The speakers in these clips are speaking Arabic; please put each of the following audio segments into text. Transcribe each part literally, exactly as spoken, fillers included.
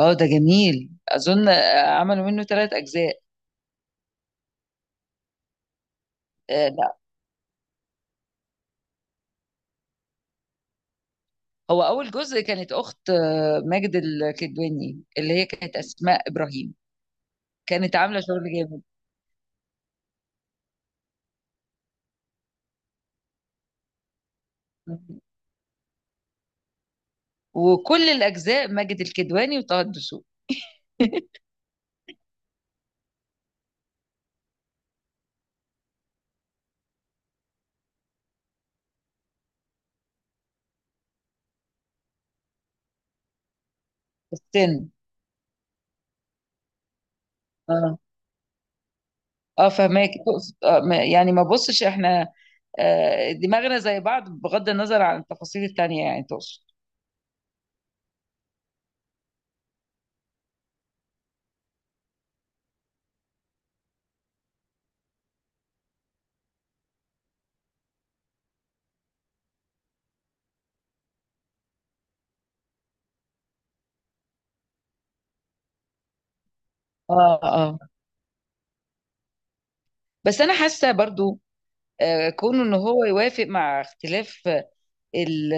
اه ده جميل اظن آه، عملوا منه ثلاث اجزاء. آه، لا، هو اول جزء كانت اخت آه، ماجد الكدواني اللي هي كانت اسماء ابراهيم. كانت عامله شغل جامد، وكل الاجزاء ماجد الكدواني وطه الدسوقي. السن. اه اه، فهماك تقصد آه ما- يعني ما بصش احنا آه، دماغنا زي بعض بغض النظر عن التفاصيل التانية، يعني تقصد. اه اه. بس انا حاسه برضو آه، كونه ان هو يوافق مع اختلاف آه، ال-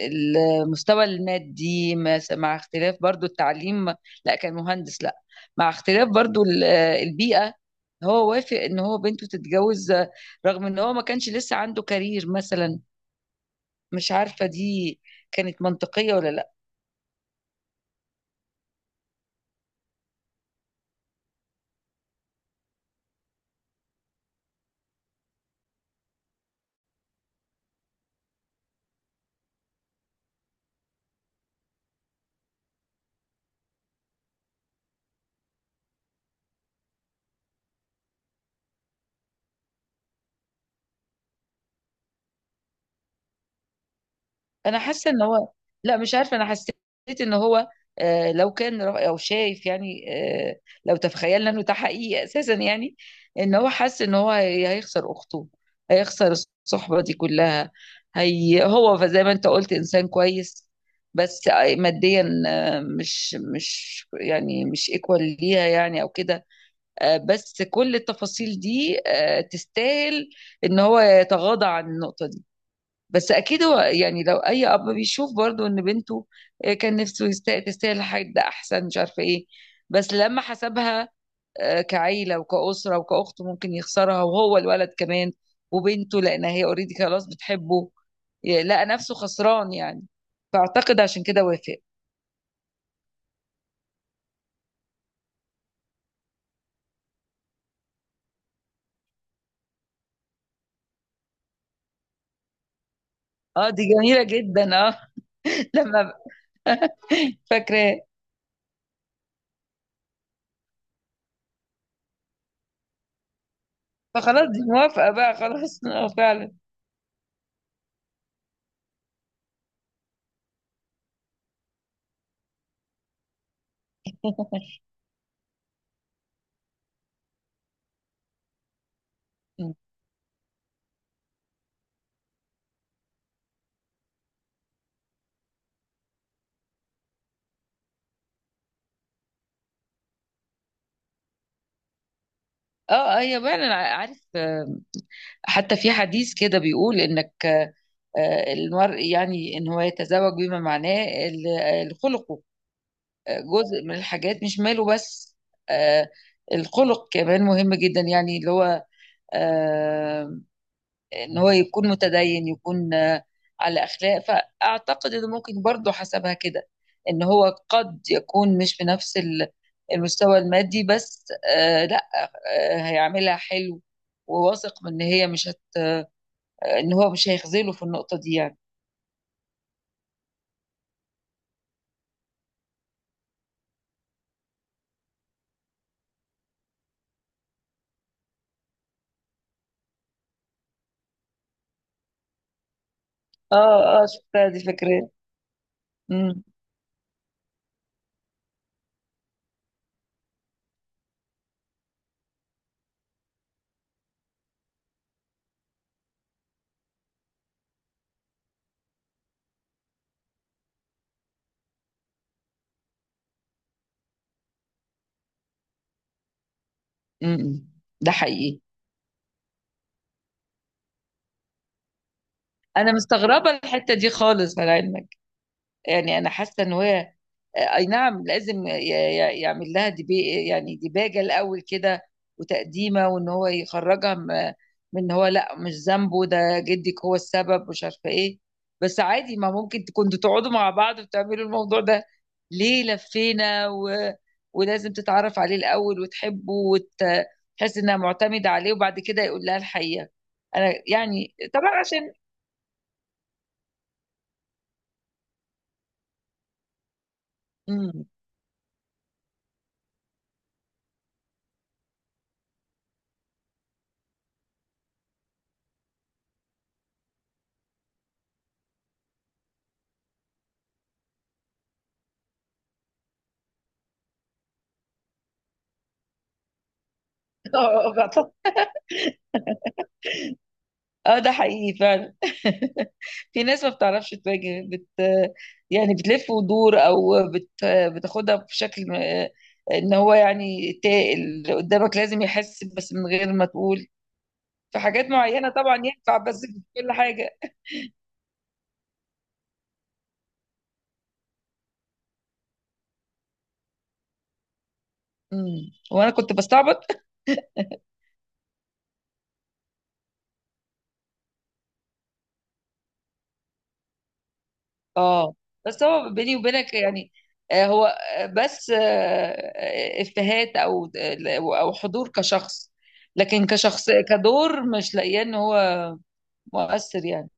المستوى المادي، مس- مع اختلاف برضو التعليم، لا كان مهندس لا، مع اختلاف برضو ال- البيئة. هو وافق ان هو بنته تتجوز رغم ان هو ما كانش لسه عنده كارير مثلا. مش عارفة دي كانت منطقية ولا لا. انا حاسه ان هو، لا مش عارفه، انا حسيت ان هو آه، لو كان را- او شايف يعني، آه، لو تخيلنا انه ده حقيقي اساسا يعني، ان هو حاسس ان هو هي- هيخسر اخته، هيخسر الصحبه دي كلها. هي هو زي ما انت قلت انسان كويس، بس آه، ماديا آه، مش مش يعني مش ايكوال ليها يعني او كده. آه، بس كل التفاصيل دي آه، تستاهل ان هو يتغاضى عن النقطه. بس اكيد هو يعني لو اي اب بيشوف برضو ان بنته آه، كان نفسه يست- تستاهل حاجه احسن، مش عارفه ايه، بس لما حسبها آه، كعيله وكاسره وكاخت ممكن يخسرها، وهو الولد كمان، وبنته لان هي اوريدي خلاص بتحبه، ي- لقى نفسه خسران يعني. فاعتقد عشان كده وافق. اه دي جميله جدا اه. لما ب- فاكراه. فخلاص دي موافقه بقى خلاص. اه فعلا. اه آه، هي فعلا ع- عارف. آه، حتى في حديث كده بيقول انك آه، المرء يعني ان هو يتزوج بما معناه ال- الخلق. آه، جزء من الحاجات مش ماله بس، آه، الخلق كمان مهم جدا، يعني اللي هو آه، ان هو يكون متدين، يكون آه، على اخلاق. فاعتقد انه ممكن برضه حسبها كده، ان هو قد يكون مش بنفس ال- المستوى المادي، بس آه، لا، آه، هيعملها حلو. وواثق من ان هي مش هت... ان هو مش هيخذله في النقطة دي يعني. اه اه، شفتها دي فكرة. امم. امم، ده حقيقي. انا مستغربه الحته دي خالص على علمك. يعني انا حاسه ان هي، اي نعم لازم ي- ي- يعمل لها دبي، يعني ديباجه الاول كده، وتقديمه، وان هو يخرجها م- من ان هو، لا مش ذنبه، ده جدك هو السبب، مش عارفه ايه. بس عادي، ما ممكن ت- كنتوا تقعدوا مع بعض وتعملوا الموضوع ده. ليه لفينا و... ولازم تتعرف عليه الاول وتحبه وتحس انها معتمده عليه، وبعد كده يقول لها الحقيقه. انا يعني طبعا عشان. امم. اه آه، آه، ده حقيقي فعلا، في ناس ما بتعرفش تواجه بت، يعني بتلف ودور او بت، بتاخدها بشكل م- ان هو يعني تا- اللي قدامك لازم يحس بس من غير ما تقول. في حاجات معينة طبعا ينفع، بس في كل حاجة. امم، وانا كنت بستعبط. اه، بس هو بيني وبينك يعني آه، هو آه، بس آه، آه، افيهات او او حضور كشخص، لكن كشخص كدور مش لاقياه ان هو مؤثر يعني.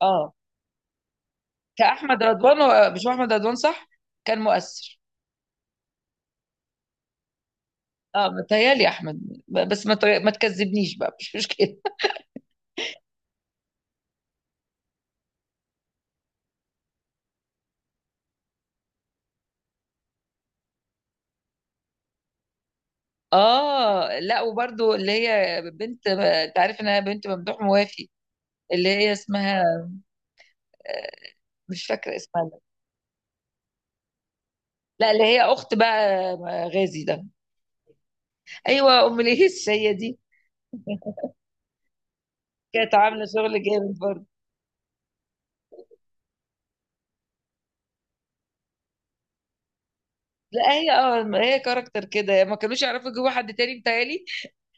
اه، كأحمد رضوان، هو- مش هو أحمد رضوان صح؟ كان مؤثر. اه متهيألي أحمد، ب- بس ما ت- ما تكذبنيش بقى، مش مشكلة. اه لا، وبرضو اللي هي بنت، انت عارف انها بنت ممدوح موافي، اللي هي اسمها آه، مش فاكرة اسمها. لا اللي هي أخت بقى آه، غازي ده. أيوة، أم ليس، هي دي. كانت عاملة شغل جامد برضه. لا هي، اه هي كاركتر كده ما كانوش يعرفوا يجيبوا حد تاني متهيألي،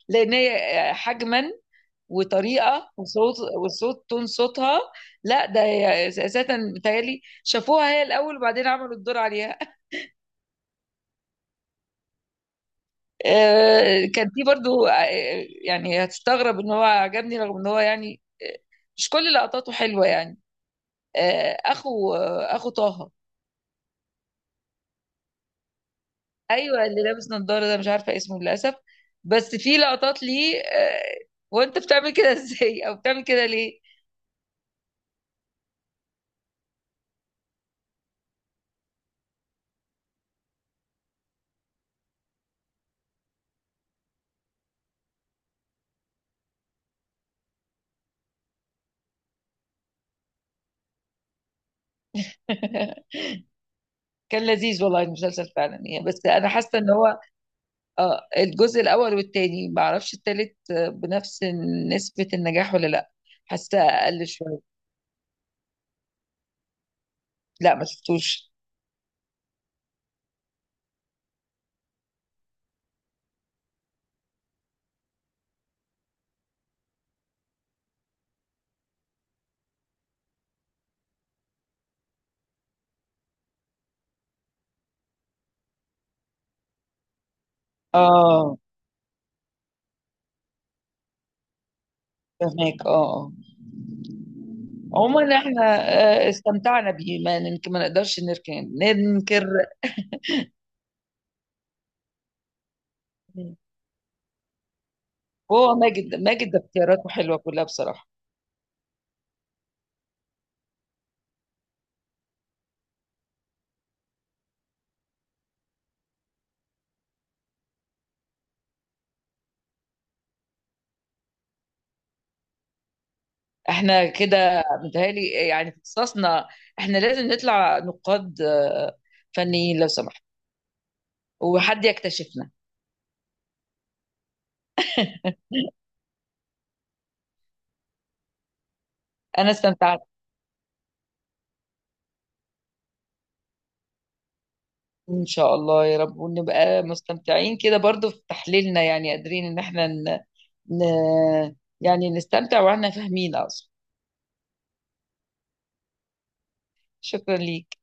لأن هي آه، حجما وطريقه وصوت، وصوت تون صوتها. لا ده هي اساسا متهيألي شافوها هي الاول وبعدين عملوا الدور عليها. آه، كان في برضو آه، يعني هتستغرب ان هو عجبني، رغم ان هو يعني آه، مش كل لقطاته حلوه يعني، آه، اخو آه، اخو طه. ايوه، اللي لابس نظاره ده، مش عارفه اسمه للاسف. بس في لقطات ليه آه، وانت بتعمل كده، ازاي، او بتعمل كده ليه. كان لذيذ والله المسلسل فعلا يعني. بس انا حاسه ان هو، اه الجزء الاول والتاني، ما اعرفش التالت آه، بنفس نسبة النجاح ولا لا. حاسه اقل شوية. لا ما شفتوش. اه فهمك اه آه. عموما احنا آه، استمتعنا بيه، ما ننكر، ما نقدرش نركن ننكر. هو ماجد، ماجد ده اختياراته حلوه كلها بصراحه. احنا كده متهيألي يعني في اختصاصنا احنا لازم نطلع نقاد آه، فنيين لو سمحت، وحد يكتشفنا. انا استمتعت. إن شاء الله يا رب، ونبقى مستمتعين كده برضو في تحليلنا، يعني قادرين إن احنا ن... ن... يعني نستمتع وإحنا فاهمين أصلا. شكرا ليك.